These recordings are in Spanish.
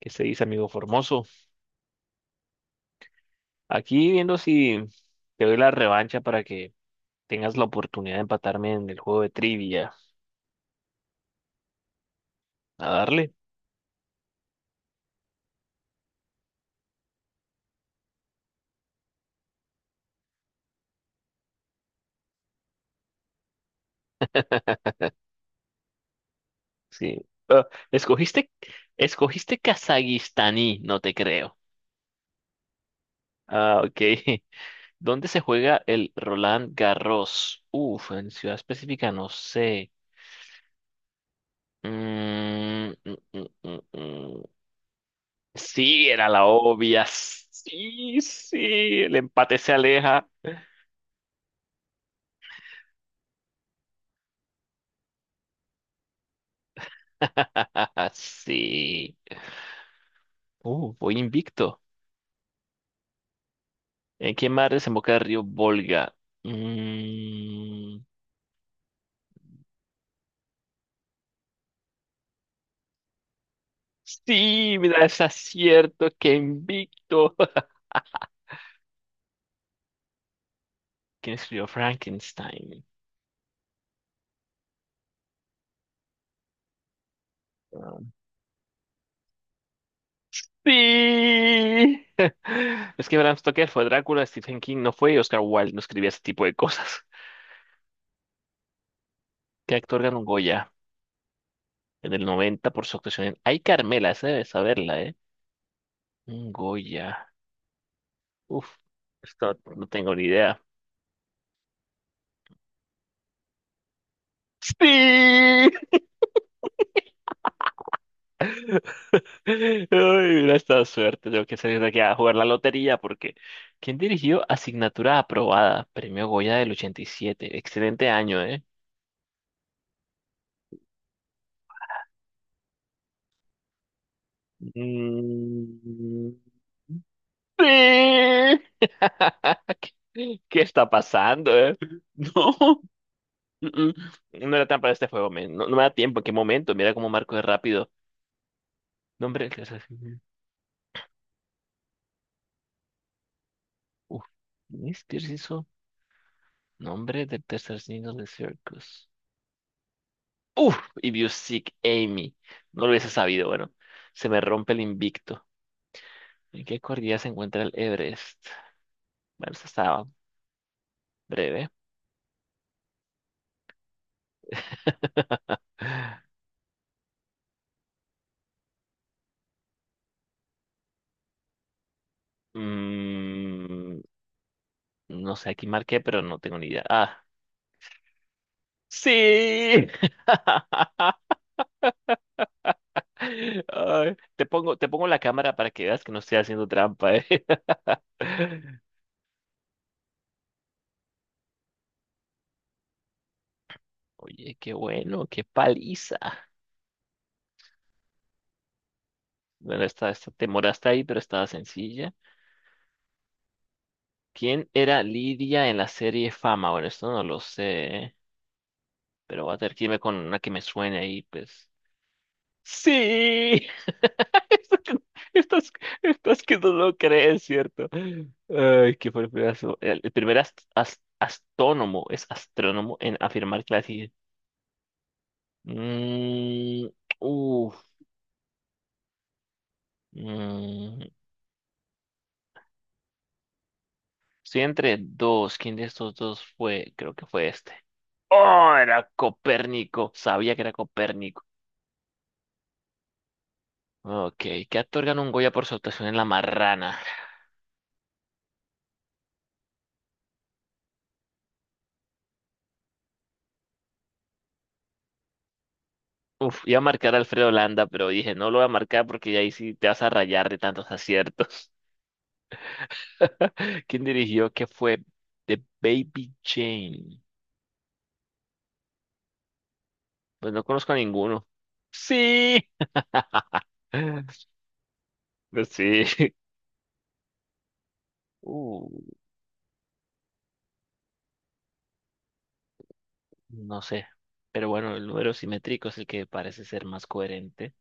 ¿Qué se dice, amigo Formoso? Aquí viendo si te doy la revancha para que tengas la oportunidad de empatarme en el juego de trivia. A darle. Sí. Escogiste Kazajistaní, no te creo. Ah, ok. ¿Dónde se juega el Roland Garros? Uf, en ciudad específica no sé. Mm, mm, mm, mm, mm. Sí, era la obvia. Sí, sí, el empate se aleja. Sí. Voy invicto. ¿En qué mar desemboca el río Volga? Mm, sí, mira, es acierto, que invicto. ¿Quién escribió Frankenstein? Ah, Sí. Es que Bram Stoker fue Drácula, Stephen King no fue y Oscar Wilde no escribía ese tipo de cosas. ¿Qué actor ganó un Goya en el 90 por su actuación en Ay, Carmela? Esa debe saberla, ¿eh? Un Goya. Uf, esto no tengo ni idea. Sí. Ay, hubiera estado suerte. Tengo que salir de aquí a jugar la lotería porque ¿quién dirigió Asignatura aprobada? Premio Goya del 87. Excelente año, ¿eh? Mm, sí. ¿Qué está pasando, eh? No. mm, No era tan para este juego, men. No, no me da tiempo. ¿En qué momento? Mira cómo marco de rápido. Nombre del tercer signo. Uf. ¿Quién es? ¿Pierce hizo? Nombre del tercer signo de Circus. Uf, if you seek Amy. No lo hubiese sabido, bueno. Se me rompe el invicto. ¿En qué cordillera se encuentra el Everest? Bueno, eso estaba breve. Mm, no sé, aquí marqué, pero no tengo ni idea. Sí. Ay, te pongo la cámara para que veas que no estoy haciendo trampa, ¿eh? Oye, qué bueno, qué paliza. Bueno, esta te moraste ahí, pero estaba sencilla. ¿Quién era Lidia en la serie Fama? Bueno, esto no lo sé, ¿eh? Pero voy a tener que irme con una que me suene ahí, pues. ¡Sí! Estás, estás que no lo crees, ¿cierto? Ay, que fue el primer astrónomo, es astrónomo en afirmar que la Tierra- Mm, uf, mm, estoy entre dos. ¿Quién de estos dos fue? Creo que fue este. ¡Oh! Era Copérnico. Sabía que era Copérnico. Ok, ¿qué actor ganó un Goya por su actuación en La Marrana? Uf, iba a marcar a Alfredo Landa, pero dije, no lo voy a marcar porque ya ahí sí te vas a rayar de tantos aciertos. ¿Quién dirigió? ¿Qué fue? The Baby Jane. Pues no conozco a ninguno. Sí. Pues sí. Uh, no sé. Pero bueno, el número simétrico es el que parece ser más coherente.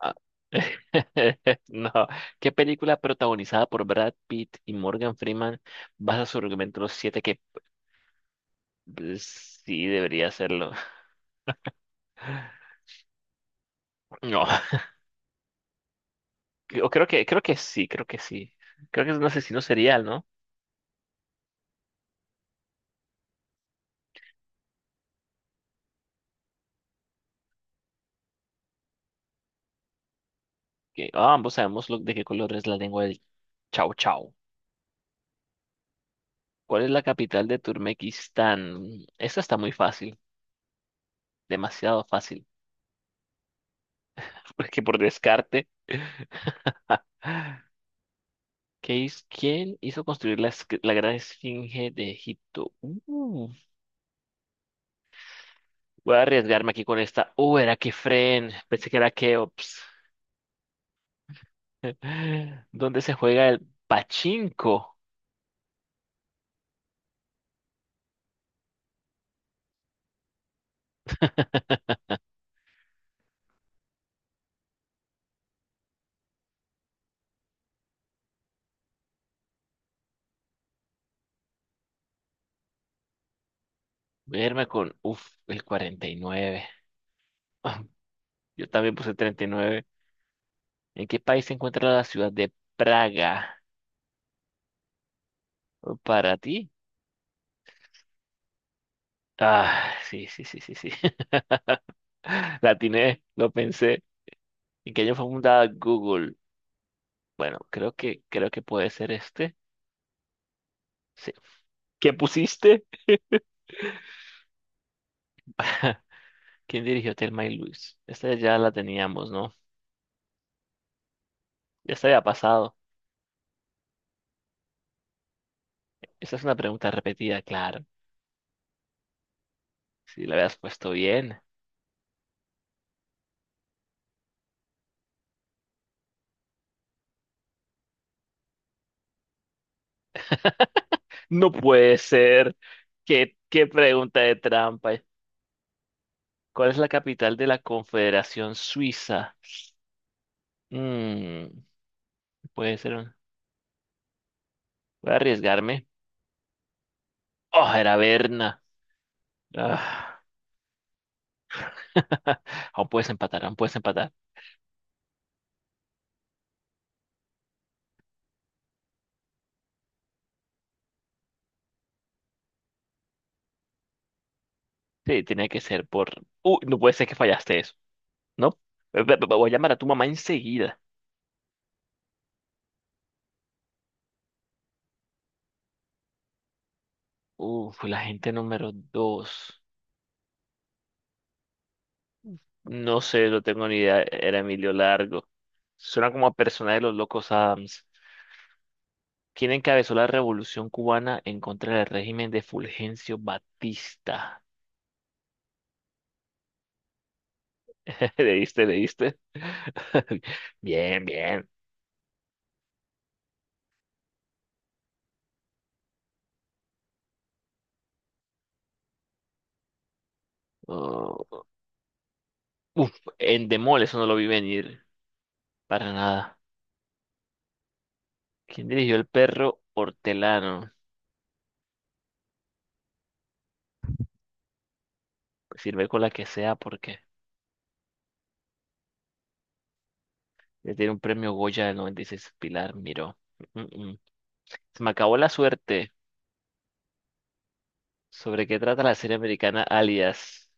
Ah, No, ¿qué película protagonizada por Brad Pitt y Morgan Freeman basa su argumento los siete que pues, sí debería hacerlo? No, yo creo que creo que sí. Creo que es un asesino serial, ¿no? Que ah, ambos sabemos lo- de qué color es la lengua del Chau Chau. ¿Cuál es la capital de Turkmenistán? Esta está muy fácil, demasiado fácil, porque por descarte. ¿Quién hizo construir la gran esfinge de Egipto? Voy a arriesgarme aquí con esta. Era Kefren. Pensé que era Keops. ¿Dónde se juega el pachinko? Voy a irme con, uf, el 49. Yo también puse 39. ¿En qué país se encuentra la ciudad de Praga? Oh, ¿para ti? Ah, sí, sí, sí, sí, sí. La atiné, lo pensé. ¿En qué año fue fundada Google? Bueno, creo que puede ser este. Sí. ¿Qué pusiste? ¿Quién dirigió Thelma y Luis? Esta ya la teníamos, ¿no? Ya se había pasado. Esta es una pregunta repetida, claro. Si la habías puesto bien. No puede ser. ¿Qué pregunta de trampa? ¿Cuál es la capital de la Confederación Suiza? Mm, puede ser. Un- voy a arriesgarme. Oh, era Berna. Ah. Aún puedes empatar. Sí, tenía que ser por... no puede ser que fallaste eso, ¿no? Voy a llamar a tu mamá enseguida. Uf, la gente número dos. No sé, no tengo ni idea. Era Emilio Largo. Suena como a persona de los Locos Adams. ¿Quién encabezó la revolución cubana en contra del régimen de Fulgencio Batista? Leíste? Bien, bien. Oh, uf, en Endemol, eso no lo vi venir. Para nada. ¿Quién dirigió el perro hortelano? Sirve con la que sea porque le tiene un premio Goya del 96 Pilar Miró. Mm, mm. mm. Se me acabó la suerte. ¿Sobre qué trata la serie americana Alias?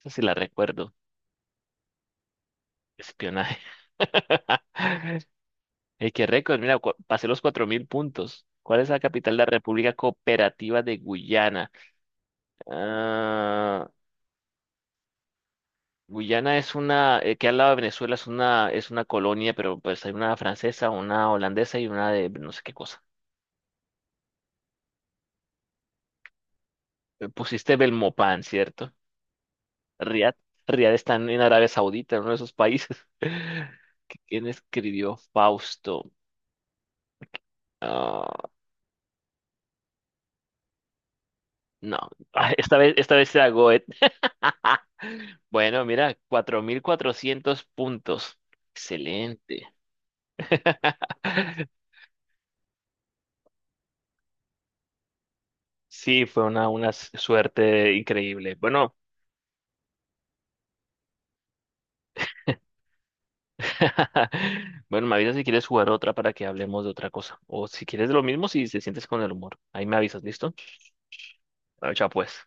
Esa sí la recuerdo. Espionaje. Ey, qué récord. Mira, pasé los 4.000 puntos. ¿Cuál es la capital de la República Cooperativa de Guyana? Ah, Guyana es una, que al lado de Venezuela es una colonia, pero pues hay una francesa, una holandesa y una de no sé qué cosa. Pusiste Belmopan, ¿cierto? Riad. Riad está en Arabia Saudita, en uno de esos países. ¿Quién escribió Fausto? Ah, No, ah, esta vez era Goethe. Bueno, mira, cuatro mil cuatrocientos puntos. Excelente. Sí, fue una suerte increíble. Bueno, bueno, me avisas si quieres jugar otra para que hablemos de otra cosa. O si quieres lo mismo, si te sientes con el humor. Ahí me avisas, ¿listo? Chao, pues.